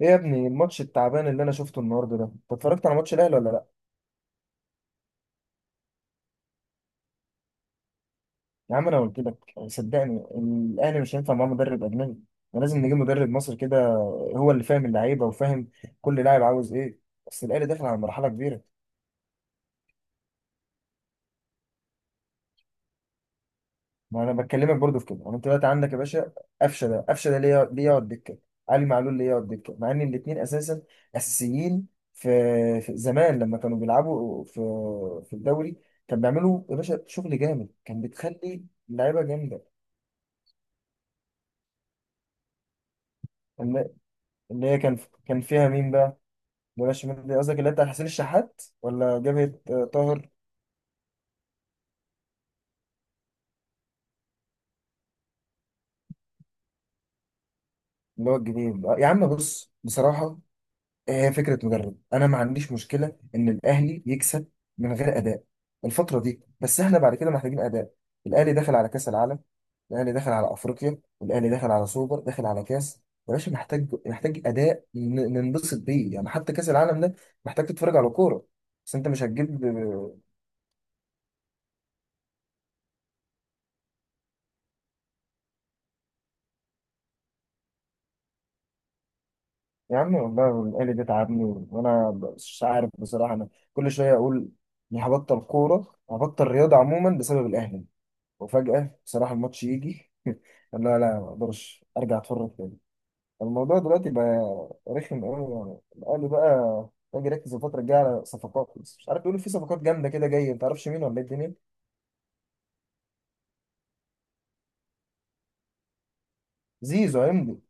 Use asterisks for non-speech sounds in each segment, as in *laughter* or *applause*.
ايه يا ابني الماتش التعبان اللي انا شفته النهارده ده؟ انت اتفرجت على ماتش الاهلي ولا لا؟ يا عم انا قلت لك، صدقني، الاهلي مش هينفع معاه مدرب اجنبي. احنا لازم نجيب مدرب مصري كده، هو اللي فاهم اللعيبه وفاهم كل لاعب عاوز ايه. بس الاهلي داخل على مرحله كبيره. ما انا بكلمك برضه في كده. انا انت دلوقتي عندك يا باشا قفشه ده، قفشه ده ليه ليه يقعد دكه؟ علي معلول ليه يقعد دكه مع ان الاثنين اساسا اساسيين؟ في, في زمان لما كانوا بيلعبوا في الدوري كان بيعملوا يا باشا شغل جامد، كان بتخلي اللعيبه جامده. اللي اللي هي كان فيها مين بقى؟ بلاش شمال، قصدك اللي هي بتاع حسين الشحات ولا جبهة؟ آه، طاهر اللي هو الجديد؟ آه، يا عم بص بصراحة، هي فكرة مدرب. أنا ما عنديش مشكلة إن الأهلي يكسب من غير أداء الفترة دي، بس إحنا بعد كده محتاجين أداء. الأهلي داخل على كأس العالم، الأهلي داخل على أفريقيا، الأهلي داخل على سوبر، داخل على كأس. يا باشا محتاج أداء ننبسط بيه يعني. حتى كأس العالم ده محتاج تتفرج على كورة، بس أنت مش هتجيب. يا عم والله الآلي دي تعبني، وأنا مش عارف بصراحة، أنا كل شوية أقول إني هبطل كورة، هبطل رياضة عموما بسبب الأهلي. وفجأة بصراحة الماتش يجي *laughs* لا لا، ما أقدرش أرجع أتفرج تاني. الموضوع دلوقتي بقى رخم أوي يعني، الأهلي بقى. باجي أركز الفترة الجاية على صفقات، بس مش عارف، بيقولوا في صفقات جامدة كده جاية، متعرفش مين ولا إيه الدنيا. زيزو هيمضي.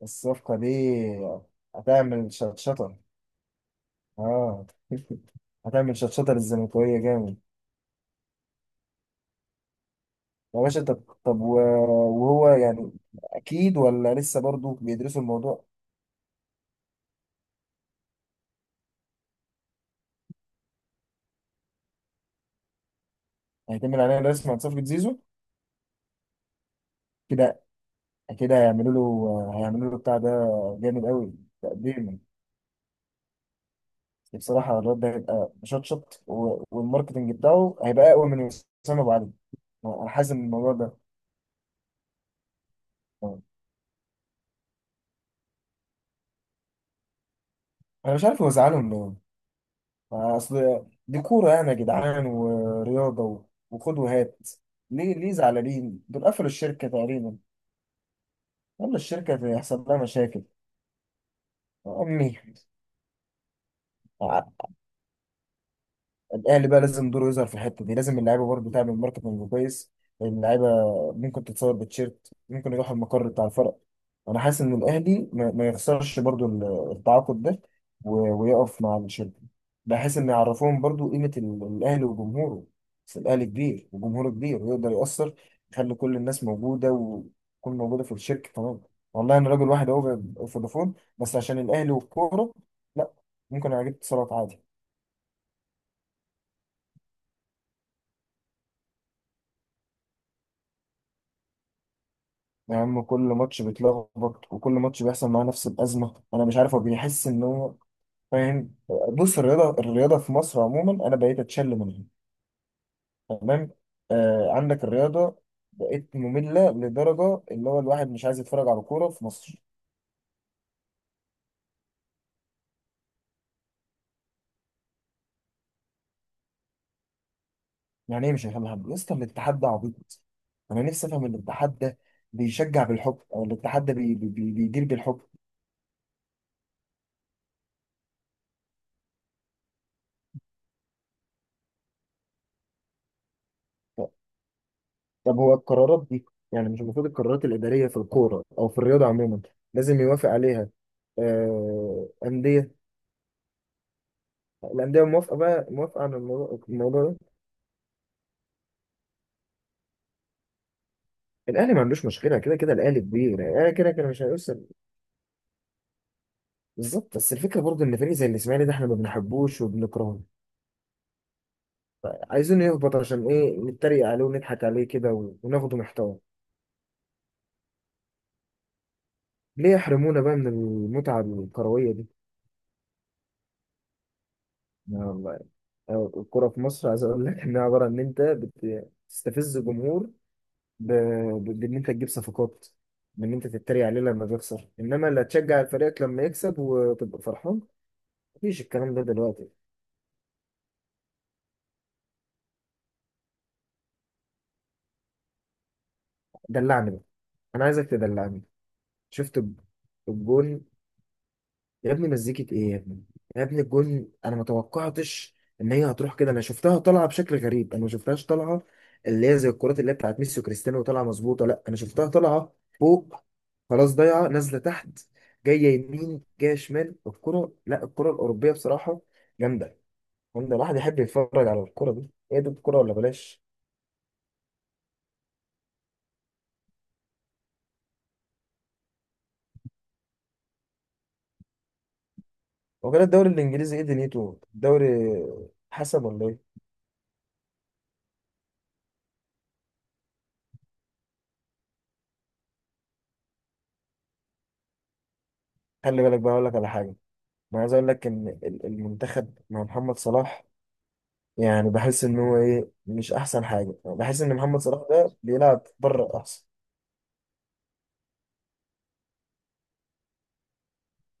بس الصفقة دي هتعمل شطشطة. آه *laughs* هتعمل شطشطة للزملكاوية جامد. يا باشا طب، طب و- وهو يعني اكيد، ولا لسه برضه بيدرسوا الموضوع؟ هيتم عليه رسم عن صفقة زيزو. كده كده هيعملوا له، هيعملوا له بتاع ده. جامد قوي تقديما. بصراحة الواد ده هيبقى مشطشط، والماركتنج بتاعه هيبقى اقوى من وسام ابو علي. انا حاسس ان الموضوع ده، انا مش عارف هو زعلهم ليه. اصل دي كورة يعني يا جدعان، ورياضة وخد وهات. ليه ليه زعلانين دول؟ قفلوا الشركة تقريبا. يلا الشركة هيحصل لها مشاكل. امي ع- الاهلي بقى لازم دوره يظهر في الحته دي. لازم اللعيبه برضه تعمل ماركتنج كويس. اللعيبه ممكن تتصور بتشيرت، ممكن يروح المقر بتاع الفرق. انا حاسس ان الاهلي ما يخسرش برضه التعاقد ده ويقف مع الشركه، بحيث ان يعرفوهم برضه قيمه الاهلي وجمهوره. بس الاهلي كبير وجمهوره كبير، ويقدر يأثر، يخلي كل الناس موجوده، وتكون موجوده في الشركه تمام. والله انا راجل واحد اهو في فودافون بس عشان الاهلي والكوره. لا، ممكن اجيب اتصالات عادي. يا عم كل ماتش بيتلخبط، وكل ماتش بيحصل معاه نفس الأزمة. أنا مش عارف هو بيحس إن هو فاهم. بص الرياضة، الرياضة في مصر عموما أنا بقيت أتشل منها. تمام. آه عندك الرياضة بقت مملة، لدرجة اللي هو الواحد مش عايز يتفرج على كورة في مصر. يعني إيه مش هيفهم حد يا اسطى؟ الاتحاد ده عبيط. أنا نفسي أفهم الاتحاد ده بيشجع بالحب، أو الاتحاد ده بيدير بالحب. طب هو القرارات دي، يعني مش المفروض القرارات الإدارية في الكورة أو في الرياضة عموما لازم يوافق عليها آه، أندية؟ الأندية موافقة بقى، موافقة على الموضوع ده؟ الأهلي ما عندوش مشكلة، كده كده الأهلي كبير، الأهلي كده كده مش هيوصل. بالظبط، بس الفكرة برضه إن فريق زي الإسماعيلي ده إحنا ما بنحبوش وبنكرهه، عايزينه يهبط. عشان إيه؟ نتريق عليه ونضحك عليه كده وناخده محتوى. ليه يحرمونا بقى من المتعة الكروية دي؟ يا الله. الكرة في مصر عايز أقول لك إنها عبارة إن أنت بتستفز جمهور، ب... بان انت تجيب صفقات، بان انت تتريق عليه لما بيخسر، انما لا تشجع فريقك لما يكسب وتبقى فرحان. مفيش الكلام ده دلوقتي. دلعني بقى. انا عايزك تدلعني. شفت الجون؟ يا ابني مزيكة ايه يا ابني؟ يا ابني الجون انا ما توقعتش ان هي هتروح كده. انا شفتها طالعه بشكل غريب، انا ما شفتهاش طالعه اللي هي زي الكرات اللي هي بتاعت ميسي وكريستيانو طالعه مظبوطه. لا، انا شفتها طالعه فوق، خلاص ضايعه نازله تحت، جايه يمين، جايه شمال. الكره، لا، الكره الاوروبيه بصراحه جامده. جامده الواحد يحب يتفرج على الكره دي. ايه ده؟ الكره ولا بلاش. هو كده الدوري الانجليزي ايه دنيته؟ الدوري حسب ولا ايه؟ خلي بالك بقى اقول لك على حاجه. انا عايز اقول لك ان المنتخب مع محمد صلاح يعني بحس ان هو ايه مش احسن حاجه. يعني بحس ان محمد صلاح ده بيلعب بره احسن.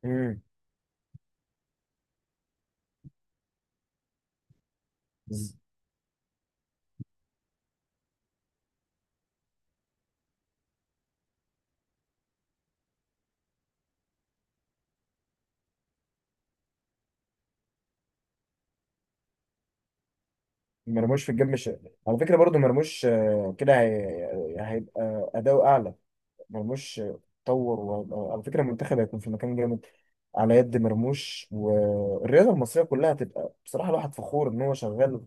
امم ز- مرموش في الجيب مش، على فكره برضو مرموش آه، كده هي... هيبقى اداؤه اعلى. مرموش طور و... على فكره المنتخب هيكون في مكان جامد على يد مرموش، والرياضه المصريه كلها هتبقى بصراحه الواحد فخور ان هو شغال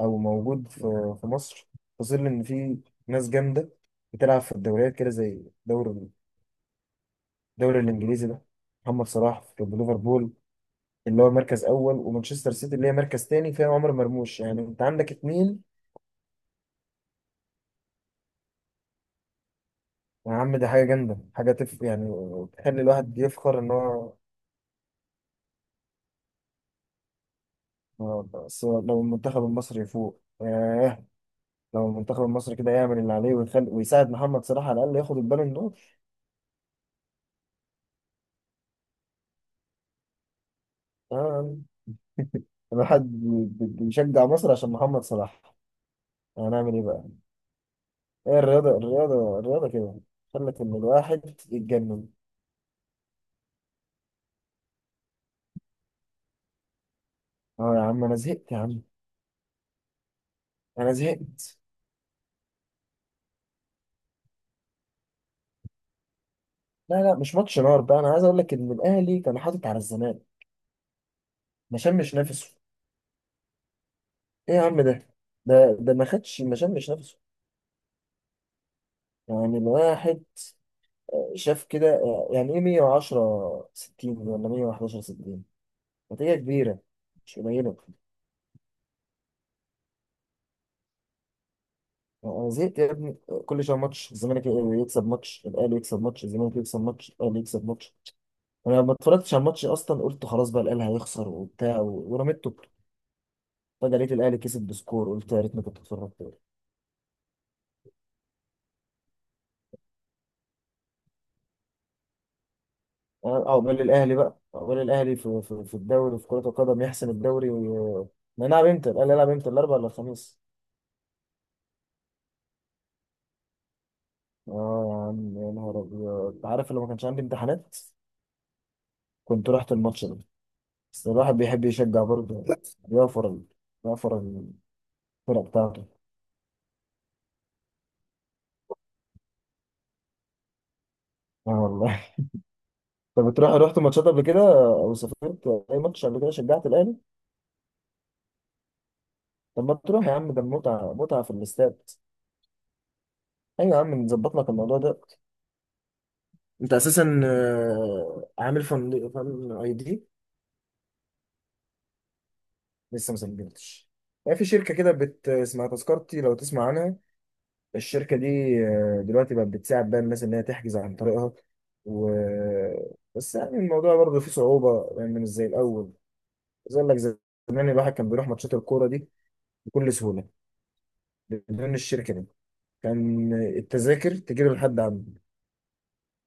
او موجود في في مصر، في ظل ان في ناس جامده بتلعب في الدوريات كده زي دوري، الدوري الانجليزي ده. محمد صلاح في ليفربول اللي هو مركز اول، ومانشستر سيتي اللي هي مركز تاني فيها عمر مرموش. يعني انت عندك اتنين. يا عم ده حاجه جامده، حاجه تف يعني، تخلي الواحد يفخر ان هو. آه، بس لو المنتخب المصري يفوق، ياه! لو المنتخب المصري كده يعمل اللي عليه ويخلي ويساعد محمد صلاح، على الاقل ياخد البالون دور. آه، الواحد بيشجع مصر عشان محمد صلاح. هنعمل ايه بقى؟ هي الرياضه الرياضه كده خلت ان الواحد يتجنن. اه يا عم انا زهقت يا عم. انا زهقت. لا لا، مش ماتش نار بقى. انا عايز اقول لك ان الاهلي كان حاطط على الزمالك. ما شمش نفسه. ايه يا عم ده؟ ده ما خدش ما شمش نفسه. يعني الواحد شاف كده يعني ايه، 110 60 ولا 111 60؟ نتيجة كبيرة، مش قليلة. انا زهقت يا ابني. كل شويه ماتش الزمالك يكسب، ماتش الاهلي يكسب، ماتش الزمالك يكسب، ماتش الاهلي يكسب، ماتش. انا ما اتفرجتش على الماتش اصلا، قلت خلاص بقى الاهلي هيخسر وبتاع ورميت توبته. فجأة لقيت الاهلي كسب بسكور، قلت يا ريتني كنت اتفرجت. اه عقبال الاهلي بقى، عقبال الاهلي في في الدوري في كرة القدم يحسم الدوري وي... نلعب امتى؟ الاهلي يلعب امتى؟ الاربعاء ولا الخميس؟ اه يا عم يا نهار ابيض، أنت عارف لو ما كانش عندي امتحانات كنت رحت الماتش ده. بس الواحد بيحب يشجع برضه، يوفر يوفر الفرق بتاعته. اه والله *laughs* طب بتروح، رحت ماتشات قبل كده او سافرت اي ماتش قبل كده شجعت الاهلي؟ طب ما تروح يا عم، ده متعة، متعة في الاستاد. ايوه يا عم نظبط لك الموضوع ده. انت اساسا آه، عامل فن فن اي دي؟ لسه ما سجلتش؟ يعني في شركة كده بت اسمها تذكرتي، لو تسمع عنها. الشركة دي آه، دلوقتي بقت بتساعد بقى الناس إن هي تحجز عن طريقها و بس، يعني الموضوع برضه فيه صعوبة، لأن يعني مش زي الأول. زي أقول لك زمان الواحد كان بيروح ماتشات الكورة دي بكل سهولة بدون الشركة دي، كان التذاكر تجيب لحد عنده.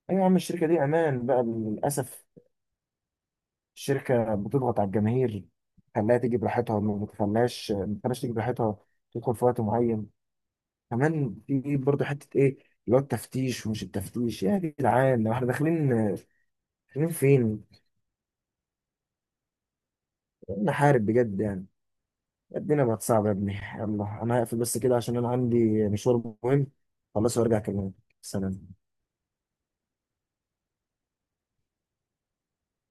أيوة يا عم، الشركة دي أمان بقى، للأسف الشركة بتضغط على الجماهير، تخليها تيجي براحتها، ما بتخليهاش، ما بتخليهاش تيجي براحتها، تدخل في وقت معين. كمان في برضه حته ايه، اللي هو التفتيش، ومش التفتيش يا جدعان لو احنا داخلين. داخلين فين؟ نحارب بجد يعني؟ الدنيا بقت صعبه يا ابني. يلا انا هقفل بس كده عشان انا عندي مشوار مهم. خلاص وارجع اكلمك. سلام.